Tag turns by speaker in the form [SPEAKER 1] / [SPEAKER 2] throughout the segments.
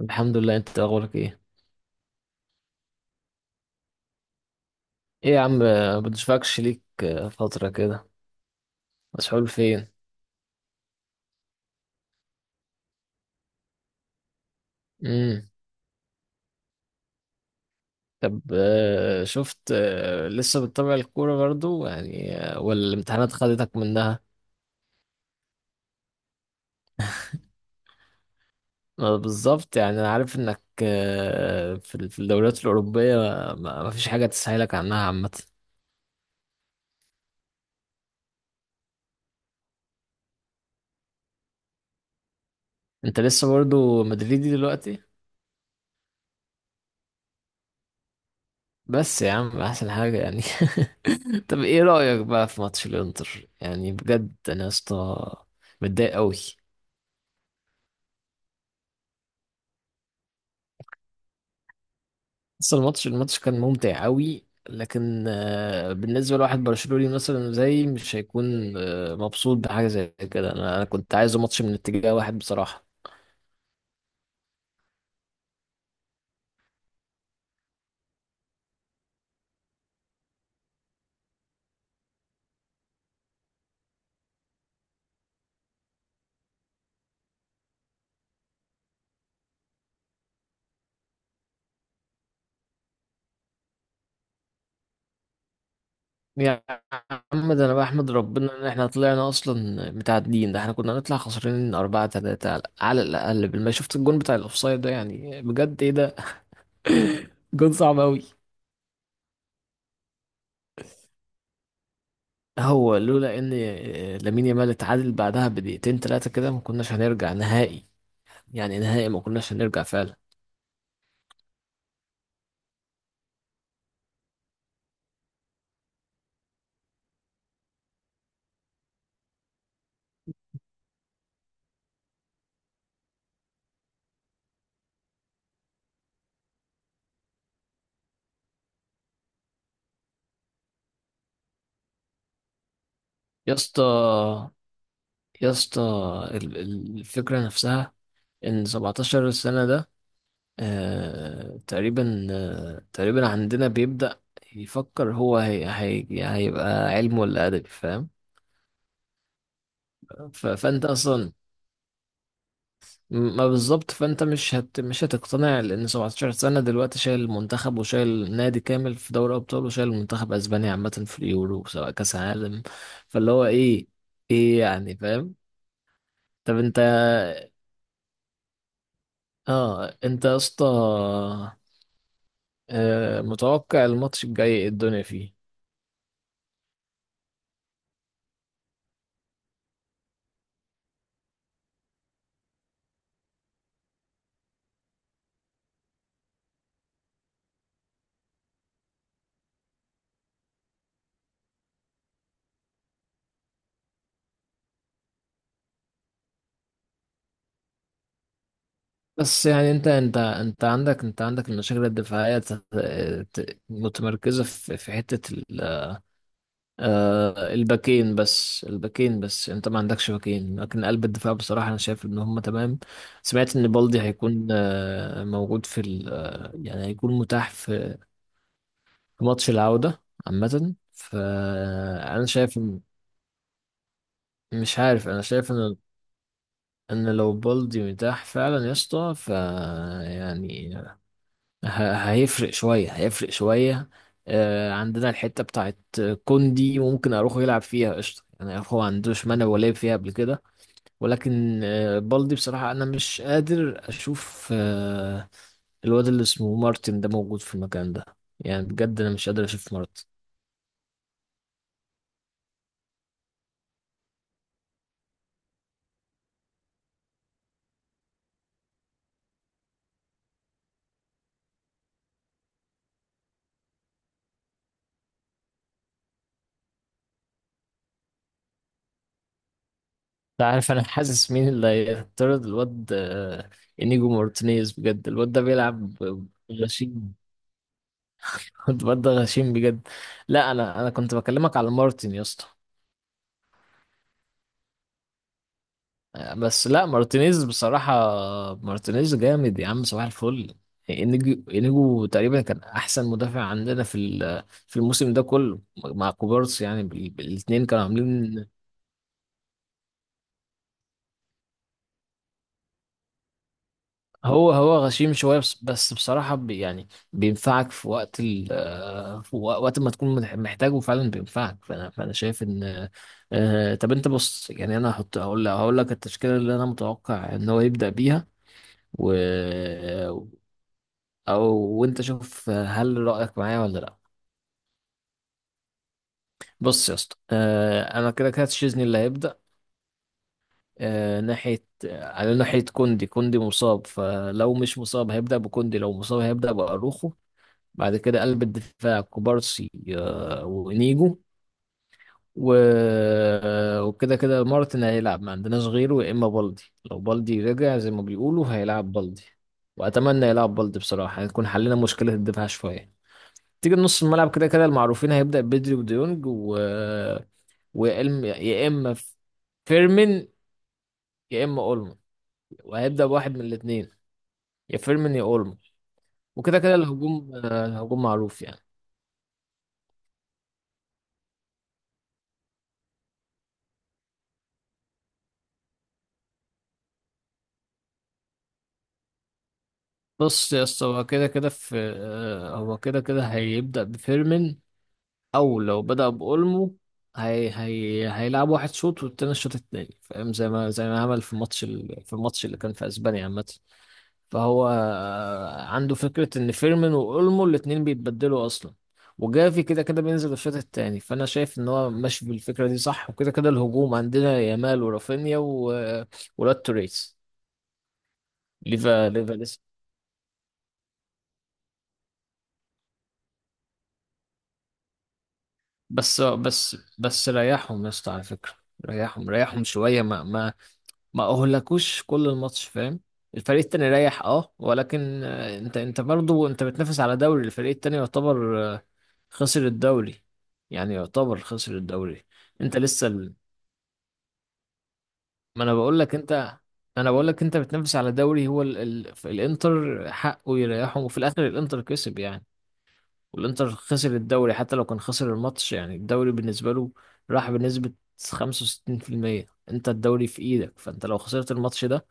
[SPEAKER 1] الحمد لله. انت اخبارك ايه؟ ايه يا عم، بتشفكش ليك فترة كده. مسحول فين؟ امم طب شفت. لسه بتتابع الكورة برضو يعني، ولا الامتحانات خدتك منها؟ ما بالظبط، يعني انا عارف انك في في الدوريات الأوروبية ما ما فيش حاجة تسهلك عنها عامة. انت لسه برضو مدريدي دلوقتي؟ بس يا عم احسن حاجة يعني طب ايه رأيك بقى في ماتش الانتر؟ يعني بجد انا يا اسطى متضايق قوي. بس الماتش كان ممتع قوي، لكن بالنسبة لواحد برشلوني مثلا زي، مش هيكون مبسوط بحاجة زي كده. أنا كنت عايزه ماتش من اتجاه واحد بصراحة. يا عم، ده أنا بحمد ربنا إن إحنا طلعنا أصلا متعادلين، ده إحنا كنا نطلع خسرانين أربعة تلاتة على الأقل. بالما شفت الجون بتاع الأوفسايد ده، يعني بجد إيه ده؟ جون صعب قوي. هو لولا إن لامين يامال اتعادل بعدها بدقيقتين تلاتة كده، ما كناش هنرجع نهائي. يعني نهائي ما كناش هنرجع فعلا. يا اسطى يا اسطى، الفكرة نفسها. إن 17 سنة ده، آه تقريبا، آه تقريبا عندنا بيبدأ يفكر هو. هي هي هيبقى علم ولا أدبي، فاهم؟ فأنت أصلا ما بالظبط. فأنت مش هتقتنع، لأن 17 سنة دلوقتي شايل المنتخب، وشايل نادي كامل في دوري أبطال، وشايل المنتخب أسبانيا عامة في اليورو سواء كأس عالم. فاللي هو إيه؟ إيه يعني، فاهم؟ طب أنت، اه انت يا اسطى متوقع الماتش الجاي إيه الدنيا فيه؟ بس يعني انت عندك، عندك المشاكل الدفاعيه متمركزه في حته الباكين بس. الباكين بس، انت ما عندكش باكين، لكن قلب الدفاع بصراحه انا شايف ان هم تمام. سمعت ان بالدي هيكون موجود في يعني هيكون متاح في ماتش العوده. عامه فانا شايف إن، مش عارف، انا شايف ان، انا لو بالدي متاح فعلا يا اسطى ف، يعني هيفرق شويه. عندنا الحته بتاعت كوندي ممكن اروحه يلعب فيها قشطه، يعني اخو ما عندوش مانع، ولا لعب فيها قبل كده. ولكن بالدي بصراحه، انا مش قادر اشوف الواد اللي اسمه مارتن ده موجود في المكان ده. يعني بجد انا مش قادر اشوف مارتن. انت عارف انا حاسس مين اللي هيطرد الواد؟ انيجو مارتينيز. بجد الواد ده بيلعب غشيم. كنت برضه غشيم بجد. لا انا انا كنت بكلمك على مارتن يا اسطى، بس لا مارتينيز بصراحة. مارتينيز جامد يا عم، صباح الفل. انيجو تقريبا كان احسن مدافع عندنا في في الموسم ده كله، مع كوبارس، يعني الاتنين كانوا عاملين. هو غشيم شوية، بس بصراحة بي يعني بينفعك في وقت ال في وقت ما تكون محتاجه فعلا، بينفعك. فأنا شايف إن، طب أنت بص، يعني أنا هحط، هقول لك التشكيلة اللي أنا متوقع إن هو يبدأ بيها. و أو وأنت شوف هل رأيك معايا ولا لأ. بص يا اسطى، أنا كده كده تشيزني اللي هيبدأ. ناحية على ناحية، كوندي مصاب، فلو مش مصاب هيبدأ بكوندي، لو مصاب هيبدأ بأروخو. بعد كده قلب الدفاع كوبارسي وانيجو. و... وكده كده مارتن هيلعب، ما عندناش غيره، يا اما بالدي. لو بالدي رجع زي ما بيقولوا، هيلعب بالدي. واتمنى يلعب بالدي بصراحه، هنكون حلينا مشكله الدفاع شويه. تيجي نص الملعب كده كده المعروفين، هيبدا بدري وديونج يا اما فيرمين، يا اما اولمو، وهيبدا بواحد من الاثنين، يا فيرمين يا اولمو. وكده كده الهجوم، الهجوم معروف يعني. بص يا اسطى، هو كده كده في، هو كده كده هيبدأ بفيرمين، او لو بدأ بأولمو هي هي هيلعب واحد شوط، والتاني الشوط التاني، فاهم؟ زي ما عمل في الماتش في الماتش اللي كان في اسبانيا عامة. فهو عنده فكرة ان فيرمين وأولمو الاتنين بيتبدلوا اصلا. وجافي كده كده بينزل الشوط التاني. فانا شايف ان هو ماشي بالفكرة دي صح. وكده كده الهجوم عندنا يامال ورافينيا ولاد توريس، ليفا. لسه، بس ريحهم يا اسطى على فكرة. ريحهم شوية، ما ما اهلكوش كل الماتش، فاهم؟ الفريق التاني ريح اه، ولكن انت برضو، انت بتنافس على دوري، الفريق التاني يعتبر خسر الدوري. يعني يعتبر خسر الدوري. انت لسه ما انا بقول لك انت، انا بقول لك انت بتنافس على دوري، هو الانتر حقه يريحهم، وفي الاخر الانتر كسب يعني. والانتر خسر الدوري، حتى لو كان خسر الماتش، يعني الدوري بالنسبة له راح بنسبة 65%. انت الدوري في ايدك، فانت لو خسرت الماتش ده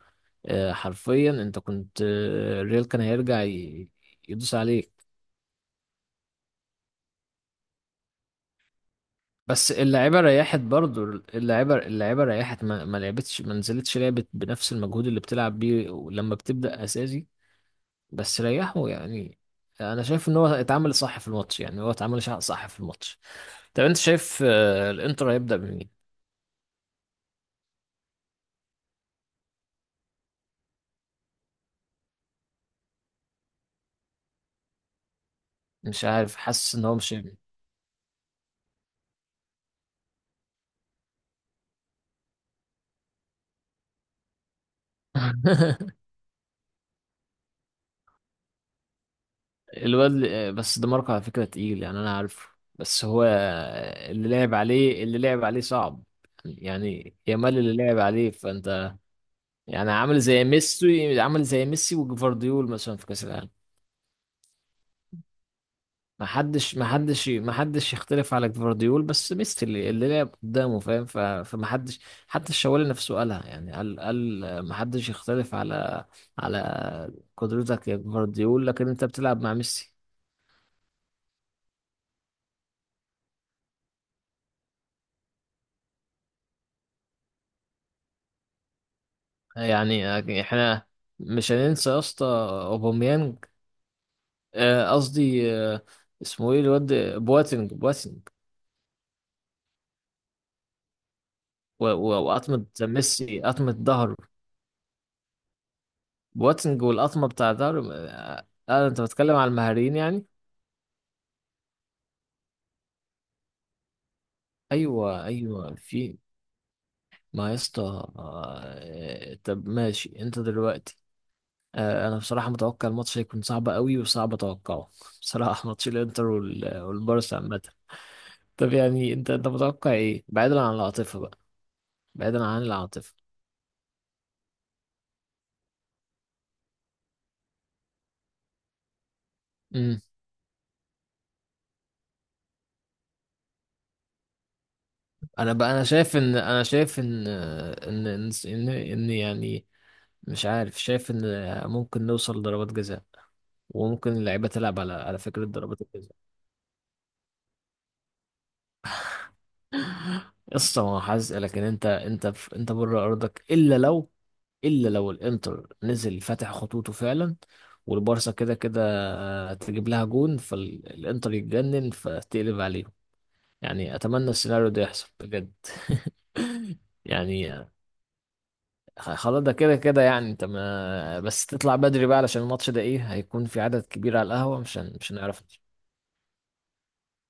[SPEAKER 1] حرفيا انت كنت، الريال كان هيرجع يدوس عليك. بس اللعيبة ريحت برضو، اللعيبة ريحت، ما لعبتش، ما نزلتش، لعبت بنفس المجهود اللي بتلعب بيه لما بتبدأ أساسي، بس ريحوا يعني. انا شايف ان هو اتعامل صح في الماتش، يعني هو اتعامل صح في الماتش. طب انت شايف الانتر هيبدأ بمين؟ مش عارف، حاسس ان هو مش ابني الواد بس ده ماركو على فكرة تقيل، يعني انا عارفه. بس هو، اللي لعب عليه صعب. يعني يامال اللي لعب عليه، فانت يعني عامل زي ميسي، عامل زي ميسي وجفارديول مثلا في كأس العالم. ما حدش يختلف على جفارديول، بس ميسي اللي لعب قدامه، فاهم؟ فما حدش. حتى الشوالي نفسه قالها، يعني قال ما حدش يختلف على على قدرتك يا جفارديول، لكن انت بتلعب مع ميسي. يعني احنا مش هننسى يا اسطى اوباميانج، قصدي اسمه ايه الواد، بواتنج. وقطمة ميسي، قطمة ظهره. بواتنج والقطمة بتاع ظهره، آه. انت بتتكلم على المهاريين يعني. ايوه ايوه، في. ما يا اسطى، طب ماشي انت دلوقتي، انا بصراحة متوقع الماتش هيكون صعب قوي، وصعب اتوقعه بصراحة، ماتش الانتر والبارسا عامة. طب يعني انت متوقع ايه بعيدا عن العاطفة بقى؟ بعيدا عن العاطفة. امم انا بقى، انا شايف ان، إن يعني مش عارف، شايف ان ممكن نوصل لضربات جزاء، وممكن اللعيبه تلعب على على فكره ضربات الجزاء. قصه ما حزق، لكن انت، انت في، انت بره ارضك، الا لو الانتر نزل فاتح خطوطه فعلا، والبارسا كده كده تجيب لها جون، فالانتر يتجنن فتقلب عليهم. يعني اتمنى السيناريو ده يحصل بجد يعني خلاص ده كده كده، يعني انت ما بس تطلع بدري بقى، علشان الماتش ده ايه، هيكون في عدد كبير على القهوة، مش هنعرف.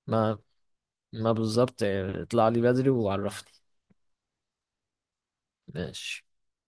[SPEAKER 1] ما ما بالظبط، اطلع لي بدري وعرفني. ماشي.